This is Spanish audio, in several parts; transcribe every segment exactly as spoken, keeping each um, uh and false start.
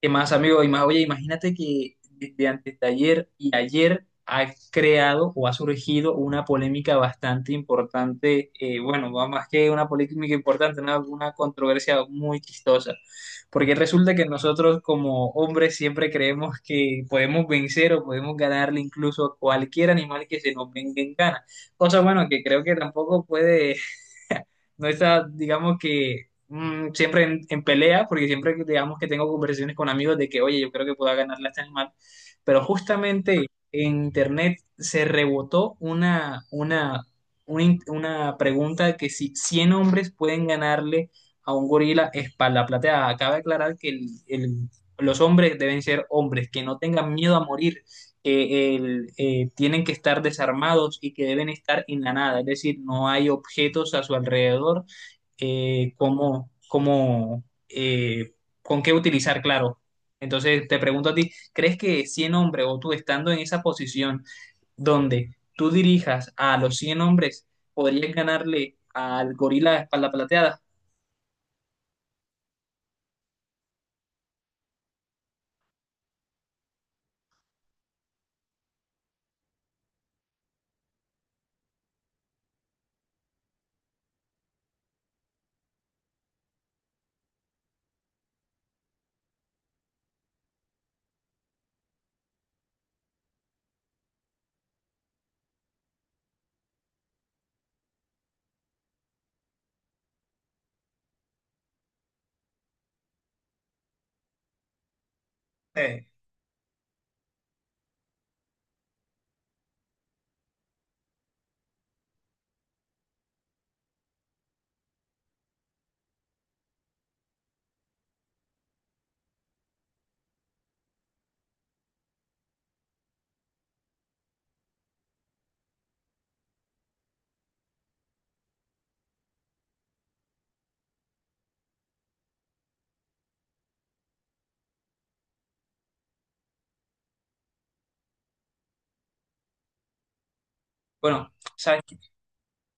¿Qué más, amigo? Ima- Oye, imagínate que desde antes de ayer y ayer ha creado o ha surgido una polémica bastante importante, eh, bueno, va más que una polémica importante, una, una controversia muy chistosa, porque resulta que nosotros como hombres siempre creemos que podemos vencer o podemos ganarle incluso a cualquier animal que se nos venga en gana, cosa bueno que creo que tampoco puede no está, digamos que mm, siempre en, en pelea, porque siempre que- digamos que tengo conversaciones con amigos de que, oye, yo creo que pueda ganarle a este animal, pero justamente en internet se rebotó una, una, una, in- una pregunta que si cien hombres pueden ganarle a un gorila espalda plateada. Acaba de aclarar que el- el- los hombres deben ser hombres, que no tengan miedo a morir que el- eh, tienen que estar desarmados y que deben estar en la nada, es decir, no hay objetos a su alrededor eh, cómo, cómo, eh, con qué utilizar, claro. Entonces te pregunto a ti, ¿crees que cien hombres o tú estando en esa posición donde tú dirijas a los cien hombres, podrías ganarle al gorila de espalda plateada? Eh, bueno, sabes.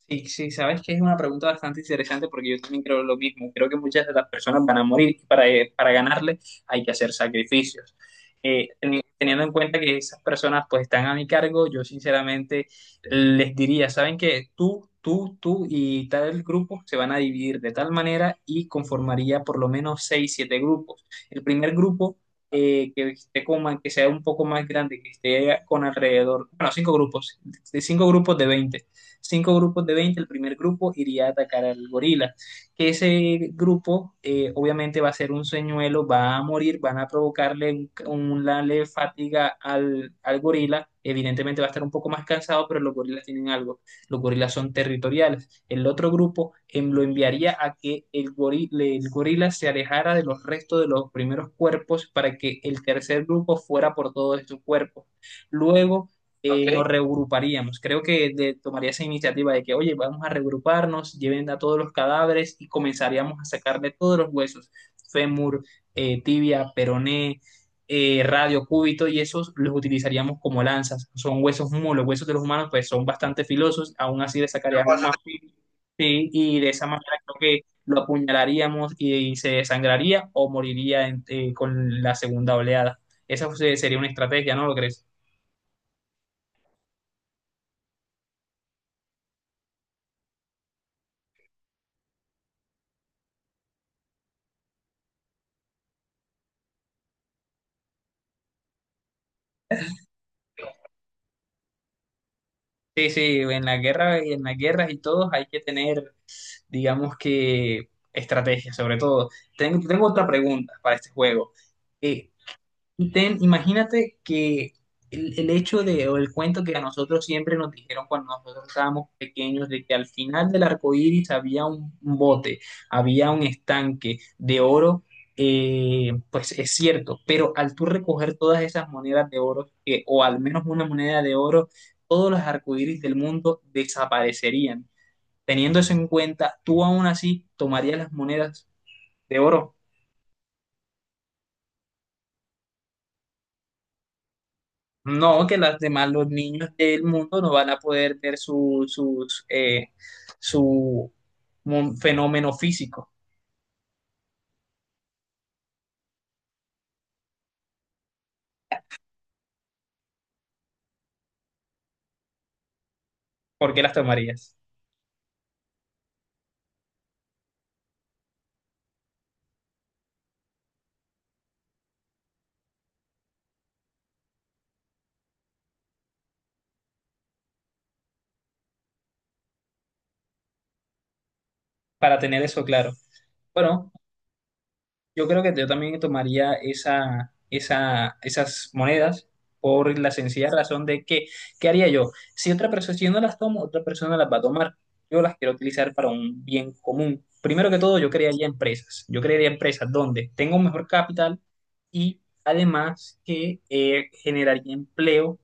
Sí, sí, sabes que es una pregunta bastante interesante porque yo también creo lo mismo. Creo que muchas de las personas van a morir y para, eh, para ganarle hay que hacer sacrificios. Eh, teni- teniendo en cuenta que esas personas pues están a mi cargo, yo sinceramente les diría, saben que tú, tú, tú y tal grupo se van a dividir de tal manera y conformaría por lo menos seis, siete grupos. El primer grupo eh, que esté como- que sea un poco más grande, que esté con alrededor, bueno, cinco grupos, de cinco grupos de veinte, cinco grupos de veinte. El primer grupo iría a atacar al gorila, que ese grupo eh, obviamente va a ser un señuelo, va a morir, van a provocarle un- una leve fatiga al, al gorila, evidentemente va a estar un poco más cansado, pero los gorilas tienen algo, los gorilas son territoriales. El otro grupo em, lo enviaría a que el gorila, el gorila se alejara de los restos de los primeros cuerpos para que el tercer grupo fuera por todos estos cuerpos. Luego eh, nos Ok. regruparíamos. Creo que de- tomaría esa iniciativa de que, oye, vamos a regruparnos, lleven a todos los cadáveres y comenzaríamos a sacarle todos los huesos, fémur, eh, tibia, peroné, eh, radio, cúbito, y esos los utilizaríamos como lanzas. Son huesos muy, los huesos de los humanos pues son bastante filosos, aún así le sacaríamos más filo, sí, y de esa manera creo que lo apuñalaríamos y, y se desangraría o moriría en- eh, con la segunda oleada. Esa se- sería una estrategia, ¿no lo crees? Sí, sí, en la guerra y en las guerras y todos hay que tener, digamos que, estrategia sobre todo. Tengo, tengo otra pregunta para este juego. Eh, y ten, imagínate que el, el hecho de, o el cuento que a nosotros siempre nos dijeron cuando nosotros estábamos pequeños, de que al final del arco iris había un un bote, había un estanque de oro, eh, pues es cierto, pero al tú recoger todas esas monedas de oro, que- o al menos una moneda de oro, todos los arcoíris del mundo desaparecerían. Teniendo eso en cuenta, tú aún así tomarías las monedas de oro. No, que las demás, los niños del mundo no van a poder ver su, sus, eh, su mon- fenómeno físico. ¿Por qué las tomarías? Para tener eso claro. Bueno, yo creo que yo también tomaría esa, esa, esas monedas por la sencilla razón de que, ¿qué haría yo? Si otra persona, si yo no las tomo, otra persona las va a tomar. Yo las quiero utilizar para un bien común. Primero que todo, yo crearía empresas. Yo crearía empresas donde tengo un mejor capital y además que eh, generaría empleo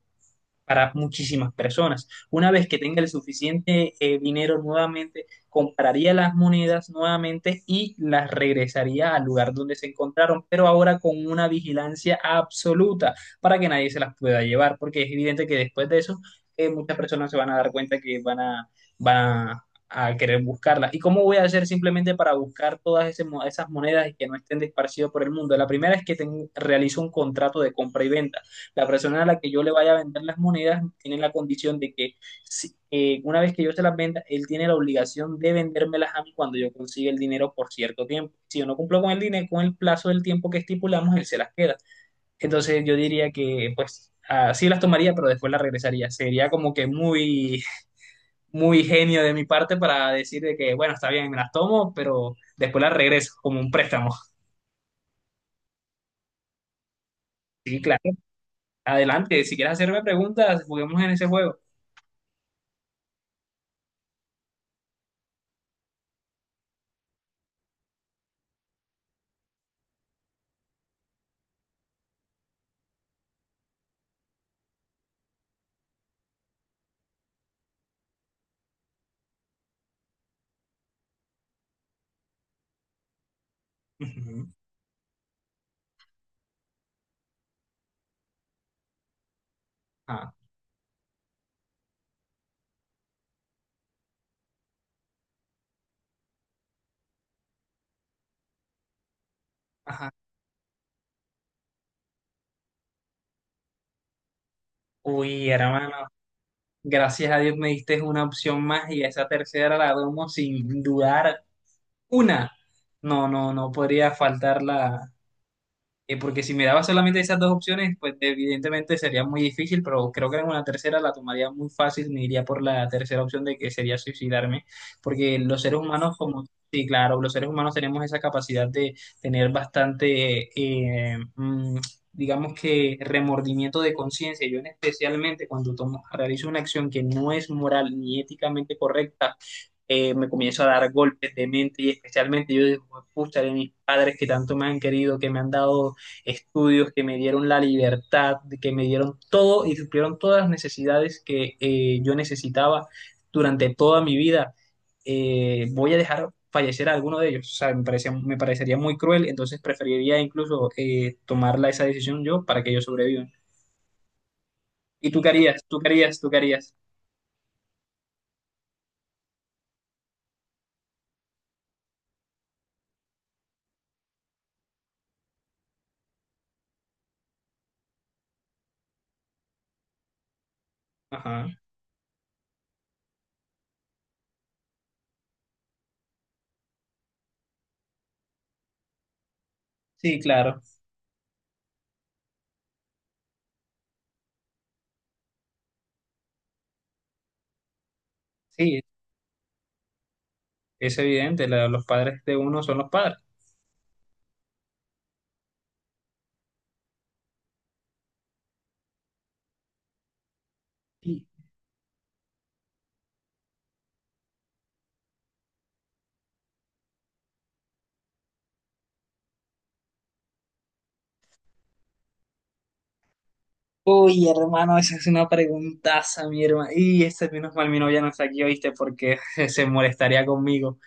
para muchísimas personas. Una vez que tenga el suficiente eh, dinero nuevamente, compraría las monedas nuevamente y las regresaría al lugar donde se encontraron, pero ahora con una vigilancia absoluta para que nadie se las pueda llevar, porque es evidente que después de eso eh, muchas personas se van a dar cuenta que van a, van a, a querer buscarlas. ¿Y cómo voy a hacer simplemente para buscar todas ese esas monedas y que no estén esparcidas por el mundo? La primera es que ten- realizo un contrato de compra y venta, la persona a la que yo le vaya a vender las monedas tiene la condición de que si- eh, una vez que yo se las venda, él tiene la obligación de vendérmelas a mí cuando yo consiga el dinero por cierto tiempo. Si yo no cumplo con el dinero, con el plazo del tiempo que estipulamos, él se las queda. Entonces yo diría que pues así las tomaría, pero después las regresaría. Sería como que muy, muy genio de mi parte para decir de que, bueno, está bien, me las tomo, pero después las regreso como un préstamo. Sí, claro. Adelante, si quieres hacerme preguntas, juguemos en ese juego. Ujú. Ah. Ajá. Uy, hermano, gracias a Dios me diste una opción más y esa tercera la tomo sin dudar una. No, no, no podría faltarla, eh, porque si miraba solamente esas dos opciones, pues evidentemente sería muy difícil, pero creo que en una tercera la tomaría muy fácil, me iría por la tercera opción de que sería suicidarme, porque los seres humanos como, sí, claro, los seres humanos tenemos esa capacidad de tener bastante, eh, mm, digamos que remordimiento de conciencia, yo en especialmente cuando tomo, realizo una acción que no es moral ni éticamente correcta, eh, me comienzo a dar golpes de mente y especialmente yo digo, pucha, de mis padres que tanto me han querido, que me han dado estudios, que me dieron la libertad, que me dieron todo y supieron todas las necesidades que eh, yo necesitaba durante toda mi vida. Eh, voy a dejar fallecer a alguno de ellos. O sea, me parece, me parecería muy cruel, entonces preferiría incluso eh, tomarla esa decisión yo para que ellos sobrevivan. ¿Y tú qué harías? ¿Tú qué harías? ¿Tú qué harías? Ajá. Sí, claro. Sí, es evidente, la- los padres de uno son los padres. Uy, hermano, esa es una preguntaza, mi hermano. Y este menos mal mi novia no está aquí, ¿oíste? Porque se molestaría conmigo.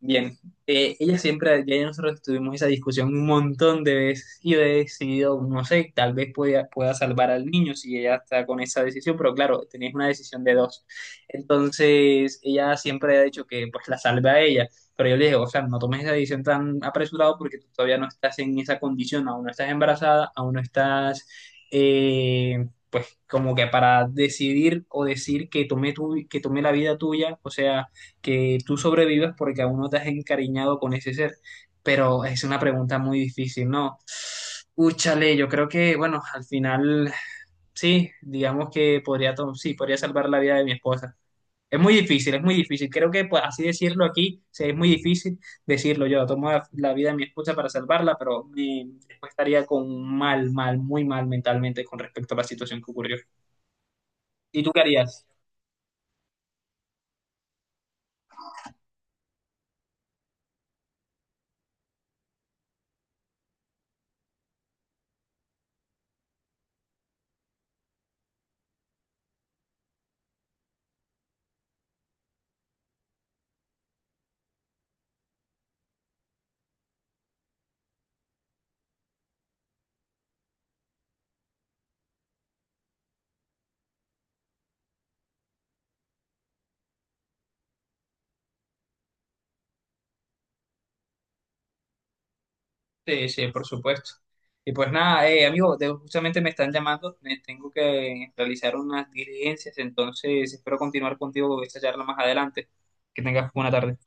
Bien, eh, ella siempre, ya nosotros tuvimos esa discusión un montón de veces y yo he decidido, no sé, tal vez pueda, pueda salvar al niño si ella está con esa decisión, pero claro, tenías una decisión de dos. Entonces, ella siempre ha dicho que pues la salve a ella, pero yo le dije, o sea, no tomes esa decisión tan apresurado porque tú todavía no estás en esa condición, aún no estás embarazada, aún no estás... eh, pues como que para decidir o decir que tome tu, que tome la vida tuya, o sea, que tú sobrevivas porque aún no te has encariñado con ese ser. Pero es una pregunta muy difícil, ¿no? Úchale, yo creo que, bueno, al final sí, digamos que podría, to- sí, podría salvar la vida de mi esposa. Es muy difícil, es muy difícil. Creo que pues, así decirlo aquí, sí, es muy difícil decirlo. Yo tomo la, la vida de mi esposa para salvarla, pero me, después estaría con mal, mal, muy mal mentalmente con respecto a la situación que ocurrió. ¿Y tú qué harías? Sí, sí, por supuesto. Y pues nada, eh, amigo, de- justamente me están llamando, me tengo que realizar unas diligencias, entonces espero continuar contigo esta charla más adelante. Que tengas buena tarde.